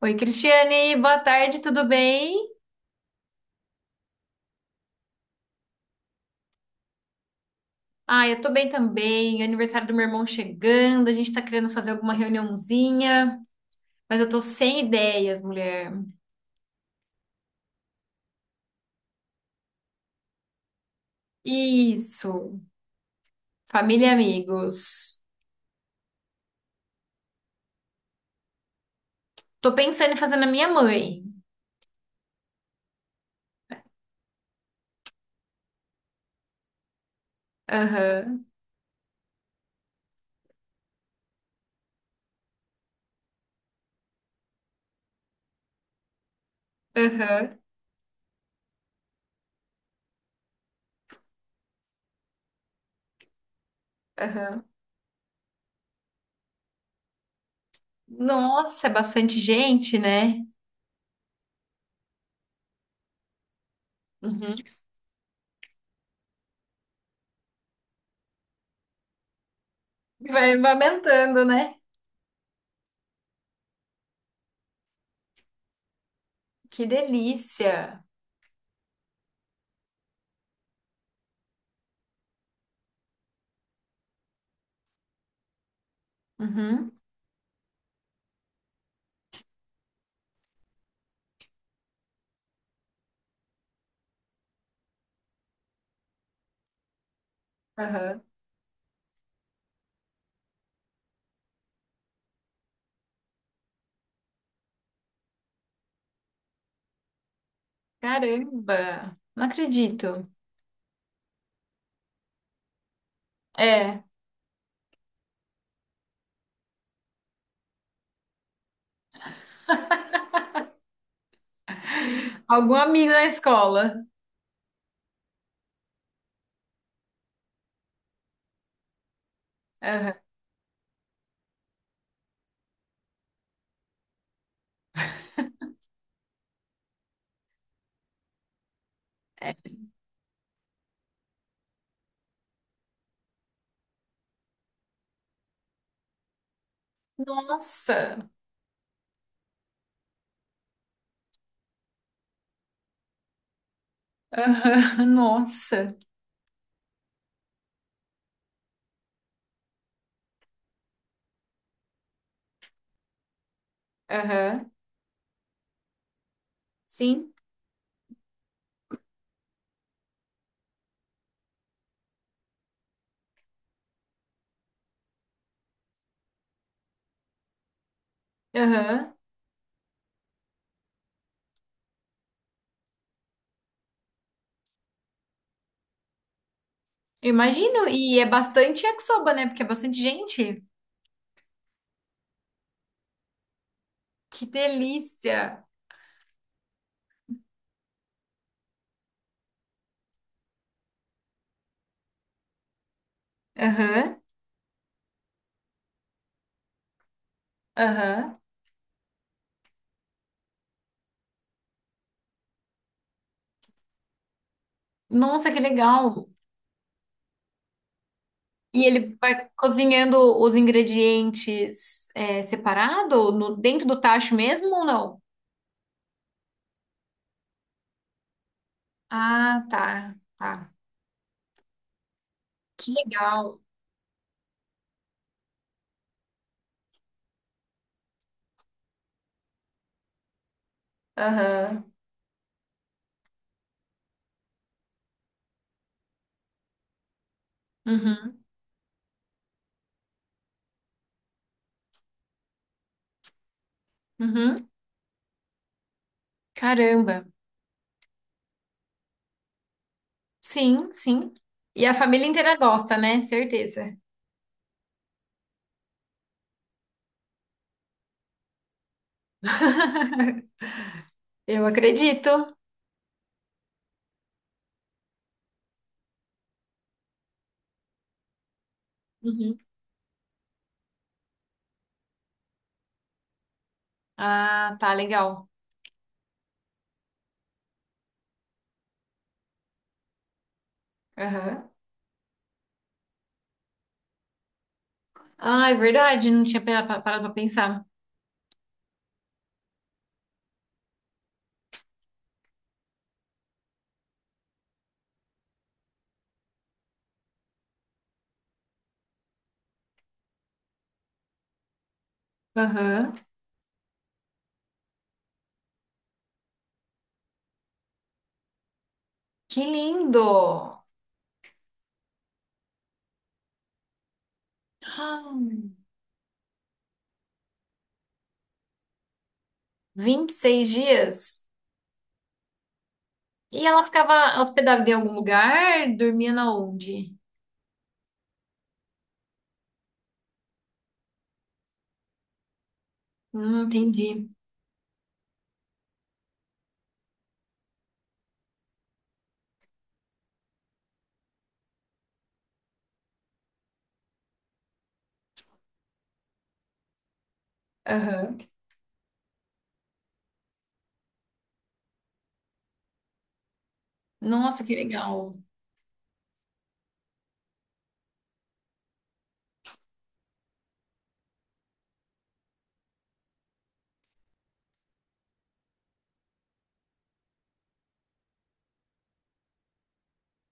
Oi, Cristiane, boa tarde, tudo bem? Ah, eu tô bem também. Aniversário do meu irmão chegando, a gente tá querendo fazer alguma reuniãozinha, mas eu tô sem ideias, mulher. Isso, família e amigos. Tô pensando em fazer na minha mãe. Aham, aham, aham. Nossa, é bastante gente, né? Uhum. Vai aumentando, né? Que delícia. Uhum, aham. Caramba, não acredito. É. Algum amigo da escola. Aham. É. Nossa. Aham. Nossa. Aham. Sim. Aham. Eu imagino. E é bastante yakisoba, né? Porque é bastante gente. Que delícia. Aham. Aham. Nossa, que legal. E ele vai cozinhando os ingredientes separado, no, dentro do tacho mesmo ou não? Ah, tá. Tá. Que legal. Aham. Uhum. Uhum. Caramba. Sim, sim. E a família inteira gosta, né? Certeza. Eu acredito. Uhum. Ah, tá, legal. Aham. Ah, é verdade, não tinha parado pra pensar. Aham. Que lindo! Ah, 26 dias. E ela ficava hospedada em algum lugar? Dormia na onde? Entendi. Aham. Nossa, que legal.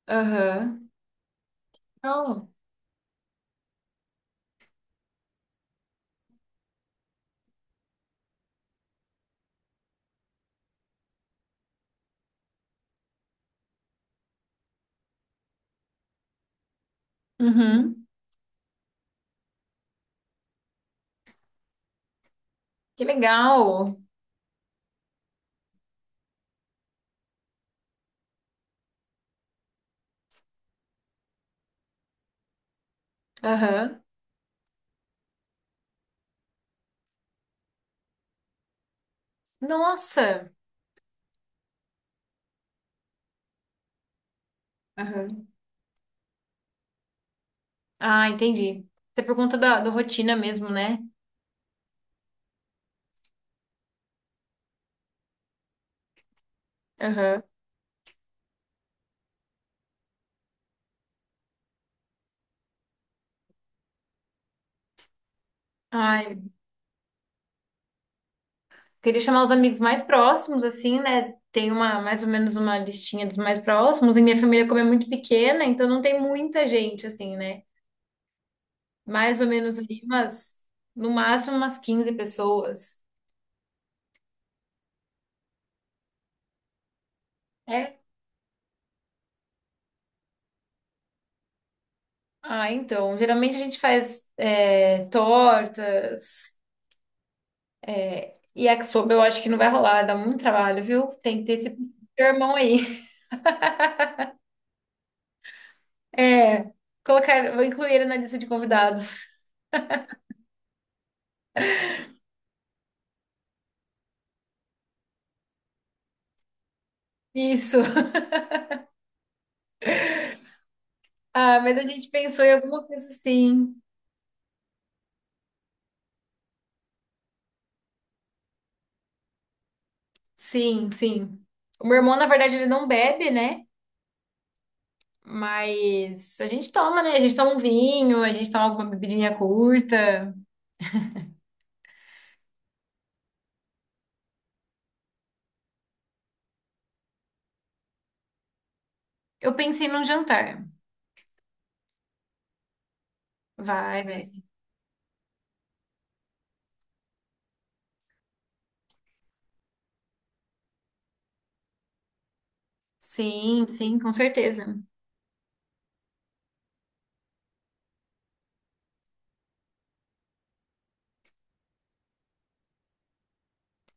Aham. Oh. Uhum. Que legal. Aham. Nossa. Aham. Ah, entendi. Até por conta da rotina mesmo, né? Aham. Ai, queria chamar os amigos mais próximos, assim, né? Tem uma, mais ou menos uma listinha dos mais próximos. E minha família, como é muito pequena, então não tem muita gente, assim, né? Mais ou menos ali umas, no máximo umas 15 pessoas. É? Ah, então, geralmente a gente faz tortas e yakisoba, eu acho que não vai rolar, dá muito trabalho, viu? Tem que ter esse irmão aí. É, colocar, vou incluir ele na lista de convidados. Isso. Ah, mas a gente pensou em alguma coisa assim. Sim, sim. O meu irmão, na verdade, ele não bebe, né? Mas a gente toma, né? A gente toma um vinho, a gente toma alguma bebidinha curta. Eu pensei num jantar. Vai, vai. Sim, sim, com certeza.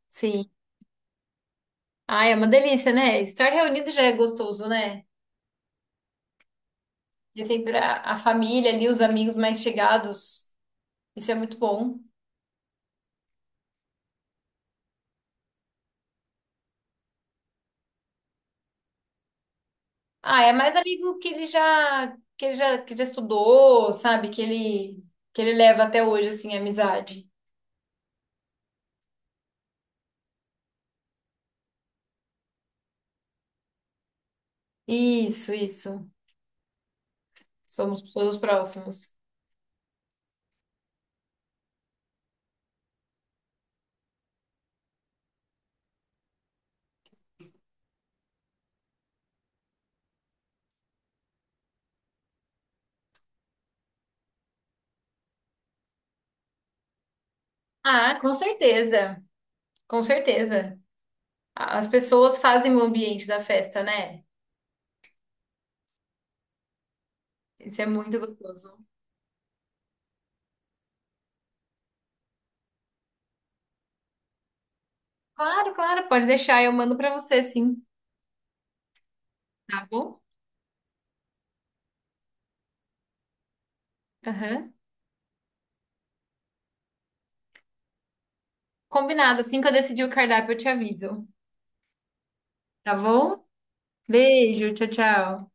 Sim. Ai, é uma delícia, né? Estar reunido já é gostoso, né? De sempre a família ali, os amigos mais chegados. Isso é muito bom. Ah, é mais amigo que ele já estudou, sabe? Que ele leva até hoje assim, a amizade. Isso, isso. Somos todos próximos. Ah, com certeza. Com certeza. A- As pessoas fazem o ambiente da festa, né? Isso é muito gostoso. Claro, claro, pode deixar, eu mando pra você, sim. Tá bom? Aham. Combinado. Assim que eu decidir o cardápio, eu te aviso. Tá bom? Beijo, tchau, tchau.